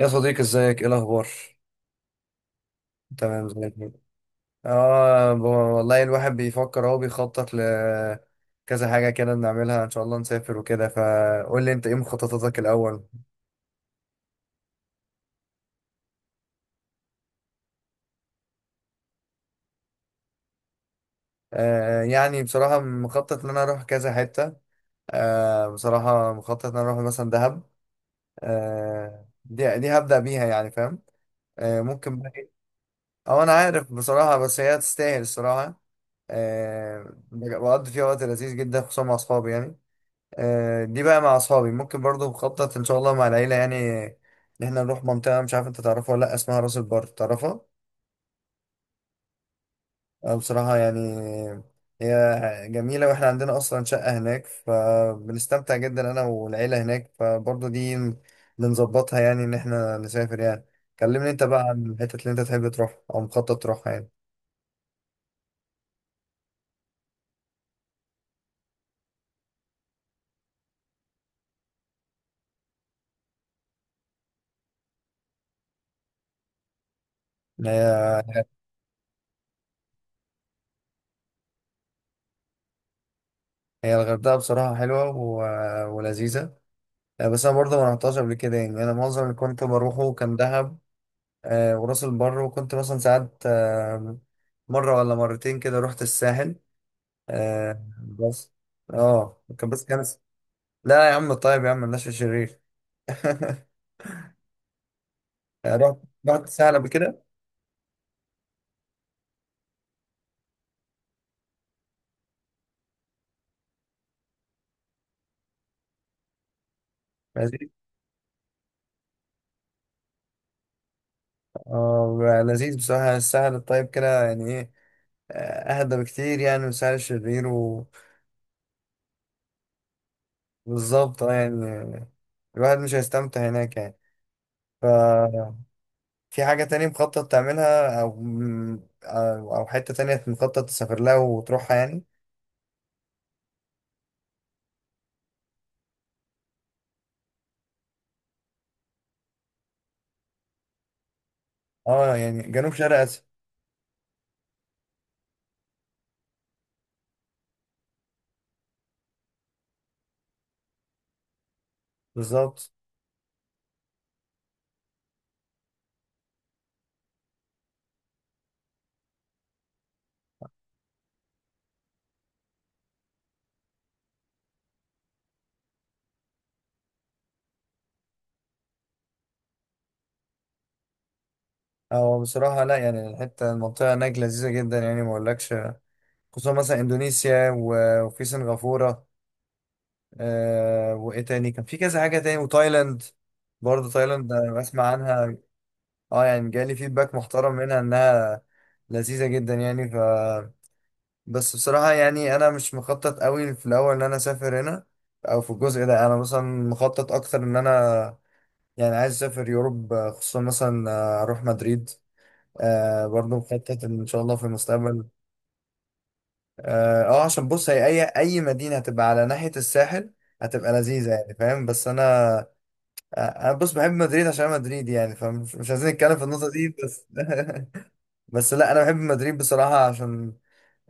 يا صديقي، ازيك؟ ايه الاخبار؟ تمام، زي الفل. والله الواحد بيفكر اهو، بيخطط لكذا حاجه كده نعملها ان شاء الله، نسافر وكده، فقول لي انت ايه مخططاتك الاول؟ يعني بصراحه مخطط ان انا اروح كذا حته. بصراحه مخطط ان انا اروح مثلا دهب. دي هبدا بيها يعني، فاهم؟ ممكن بقى، ايه؟ اه انا عارف بصراحه، بس هي تستاهل الصراحه. آه بقضي فيها وقت لذيذ جدا، خصوصا مع اصحابي يعني. دي بقى مع اصحابي، ممكن برضو بخطط ان شاء الله مع العيله يعني، ان احنا نروح منطقه، مش عارف انت تعرفها ولا لا، اسمها راس البر، تعرفها؟ أنا بصراحه يعني، هي جميله واحنا عندنا اصلا شقه هناك، فبنستمتع جدا انا والعيله هناك، فبرضو دي بنظبطها يعني، ان احنا نسافر يعني. كلمني انت بقى عن الحتت اللي انت تحب تروح او مخطط تروحها يعني. هي هي الغردقه بصراحه حلوه و... ولذيذه. بس انا برضه ما رحتهاش قبل كده، يعني انا معظم اللي كنت بروحه كان دهب، وراس البر، وكنت مثلا ساعات، مرة ولا مرتين كده رحت الساحل. بس اه كان، بس كان. لا يا عم، طيب يا عم، مالناش شرير. رحت رحت الساحل قبل كده. لذيذ. اه لذيذ بصراحة، الساحل الطيب كده يعني ايه، اهدى بكتير يعني من الساحل الشرير. وبالظبط، يعني الواحد مش هيستمتع هناك يعني. ففي حاجة تانية مخطط تعملها، أو أو حتة تانية مخطط تسافر لها وتروحها يعني؟ اه يعني جنوب شرق اسيا. بالظبط. اه بصراحه لا يعني، الحته المنطقه هناك لذيذه جدا يعني، ما اقولكش. خصوصا مثلا اندونيسيا وفي سنغافوره. وايه تاني، كان في كذا حاجه تاني، وتايلاند. برضه تايلاند انا بسمع عنها. اه يعني جالي فيدباك محترم منها، انها لذيذه جدا يعني، ف بس بصراحه يعني، انا مش مخطط قوي في الاول ان انا اسافر هنا، او في الجزء ده. انا مثلا مخطط اكتر ان انا يعني عايز اسافر يوروب، خصوصا مثلا اروح مدريد. برضه مخطط ان شاء الله في المستقبل. عشان بص، هي اي مدينه هتبقى على ناحيه الساحل هتبقى لذيذه يعني، فاهم؟ بس انا، انا بص بحب مدريد عشان أنا مدريد يعني، فمش مش عايزين نتكلم في النقطه دي بس. بس لا، انا بحب مدريد بصراحه عشان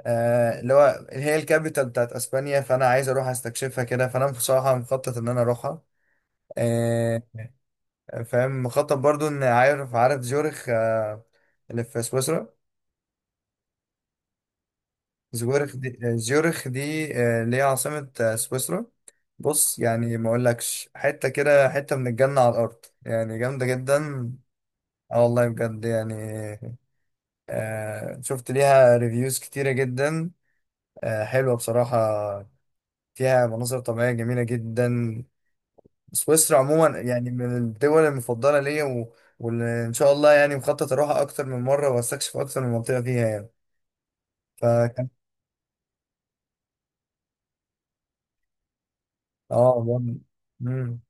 اللي هو هي الكابيتال بتاعت اسبانيا، فانا عايز اروح استكشفها كده، فانا بصراحه مخطط ان انا اروحها. آه، فاهم، مخطط برضو، ان عارف زيورخ، اللي في سويسرا. زيورخ دي، اللي هي عاصمة سويسرا، بص يعني ما اقولكش، حتة كده، حتة من الجنة على الأرض يعني، جامدة جدا. اه والله بجد يعني، شفت ليها ريفيوز كتيرة جدا، حلوة بصراحة. فيها مناظر طبيعية جميلة جدا. سويسرا عموما يعني من الدول المفضلة ليا، و... واللي إن شاء الله يعني مخطط أروحها أكتر من مرة وأستكشف أكتر من منطقة فيها يعني. فكان اه مم.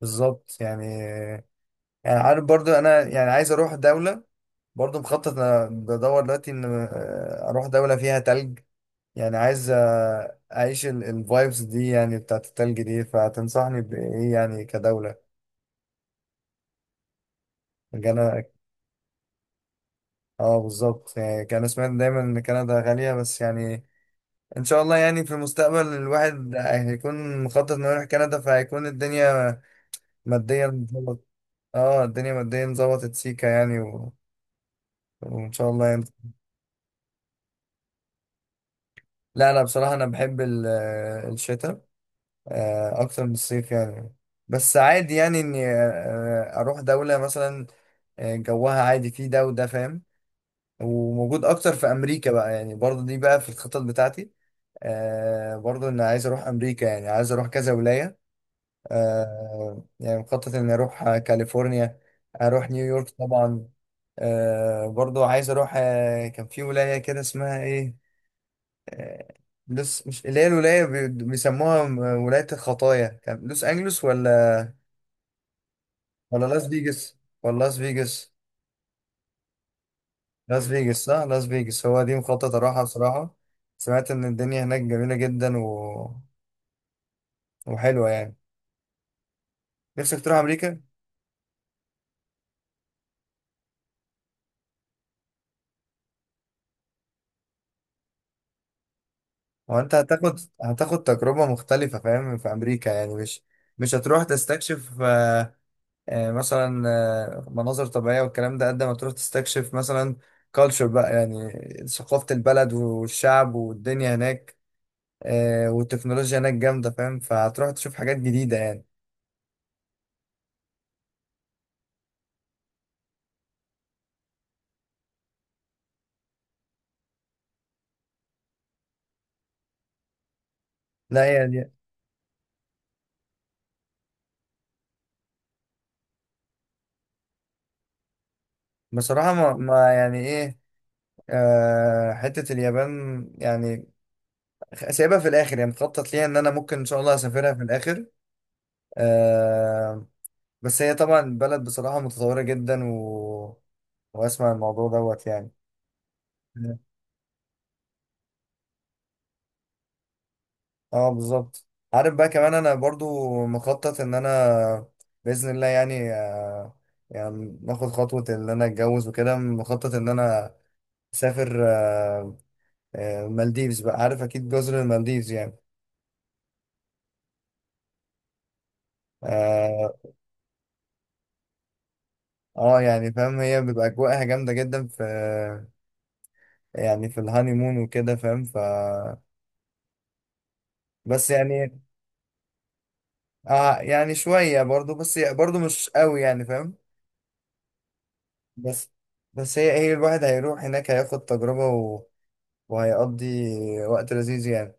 بالظبط يعني. يعني عارف برضو انا، يعني عايز اروح دولة، برضو مخطط، انا بدور دلوقتي ان اروح دولة فيها تلج. يعني عايز اعيش الفايبس دي يعني بتاعت التلج دي، فتنصحني بايه يعني كدولة؟ كان اه بالظبط يعني، كان سمعت دايما ان كندا غالية، بس يعني ان شاء الله يعني في المستقبل الواحد هيكون مخطط انه يروح كندا، فهيكون الدنيا ماديا ظبط. اه الدنيا ماديا ظبطت سيكا يعني، و... وان شاء الله يعني. لا انا بصراحه، انا بحب الشتاء، اكتر من الصيف يعني. بس عادي يعني اني اروح دوله مثلا جوها عادي، فيه ده وده، فاهم. وموجود اكتر في امريكا بقى، يعني برضه دي بقى في الخطط بتاعتي. برضه انا عايز اروح امريكا، يعني عايز اروح كذا ولايه. يعني مخطط اني اروح كاليفورنيا، اروح نيويورك طبعا. برضه عايز اروح، كان في ولايه كده اسمها ايه، آه، لوس، مش اللي هي الولاية بيسموها ولاية الخطايا، كان لوس أنجلوس ولا ولا لاس فيجاس ولا لاس فيجاس؟ لاس فيجاس، صح، لاس فيجاس هو دي مخطط أروحها بصراحة. سمعت إن الدنيا هناك جميلة جدا و... وحلوة يعني. نفسك تروح أمريكا. هو أنت هتاخد تجربة مختلفة فاهم، في أمريكا يعني مش هتروح تستكشف، مثلا مناظر طبيعية والكلام ده، قد ما تروح تستكشف مثلا كالتشر بقى يعني، ثقافة البلد والشعب والدنيا هناك. والتكنولوجيا هناك جامدة، فاهم، فهتروح تشوف حاجات جديدة يعني. لا يعني بصراحة ما يعني ايه، حتة اليابان يعني سايبها في الآخر يعني، مخطط ليها إن أنا ممكن إن شاء الله أسافرها في الآخر. آه، بس هي طبعا بلد بصراحة متطورة جدا، و... وأسمع الموضوع دوت يعني. اه بالظبط. عارف بقى كمان، انا برضو مخطط ان انا باذن الله يعني، يعني ناخد خطوه ان انا اتجوز وكده، مخطط ان انا اسافر مالديفز بقى، عارف اكيد جزر المالديفز يعني. اه يعني فاهم، هي بيبقى اجواءها جامده جدا في، يعني في الهانيمون وكده، فاهم؟ ف بس يعني يعني شويه برضو، بس برضو مش قوي يعني، فاهم. بس بس هي الواحد هيروح هناك هياخد تجربة، وهيقضي وقت لذيذ يعني،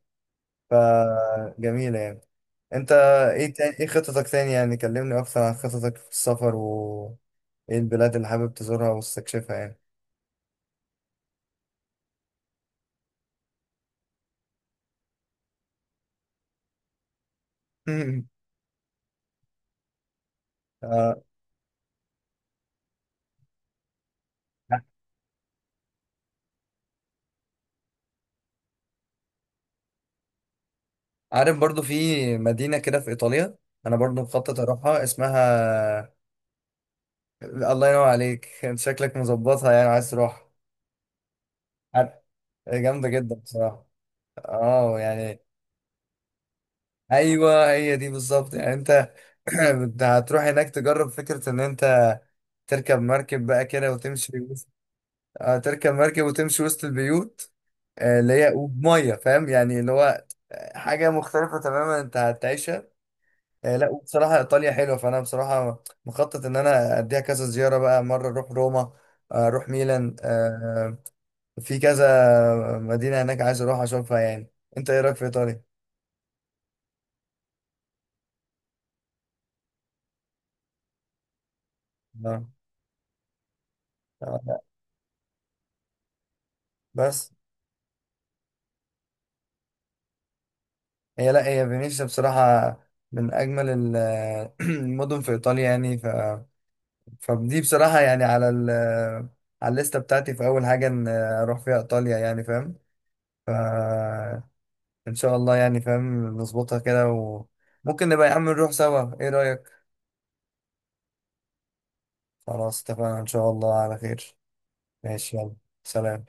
فجميلة يعني. انت ايه تاني؟ ايه خططك تاني؟ يعني كلمني اكتر عن خططك في السفر و ايه البلاد اللي حابب تزورها واستكشفها يعني. آه، عارف برضو في مدينة كده في إيطاليا، أنا برضو مخطط أروحها، اسمها، الله ينور عليك. أنت شكلك مظبطها، يعني عايز تروح. عارف- جامدة جدا بصراحة. اه يعني ايوه، هي دي بالظبط يعني. انت، انت هتروح هناك تجرب فكره ان انت تركب مركب بقى كده وتمشي وسط، تركب مركب وتمشي وسط البيوت، اللي هي وبميه، فاهم يعني، اللي هو حاجه مختلفه تماما انت هتعيشها. لا وبصراحه ايطاليا حلوه، فانا بصراحه مخطط ان انا اديها كذا زياره بقى، مره اروح روما، اروح ميلان، في كذا مدينه هناك عايز اروح اشوفها يعني. انت ايه رايك في ايطاليا؟ آه. لا. بس، هي، لا، هي فينيسيا بصراحة من أجمل المدن في إيطاليا يعني، ف... فدي بصراحة يعني على الليستة بتاعتي، في أول حاجة إن أروح فيها إيطاليا يعني، فاهم؟ ف إن شاء الله يعني، فاهم، نظبطها كده، وممكن نبقى يا عم نروح سوا، إيه رأيك؟ خلاص، اتفقنا، إن شاء الله على خير. ماشي، يلا. سلام.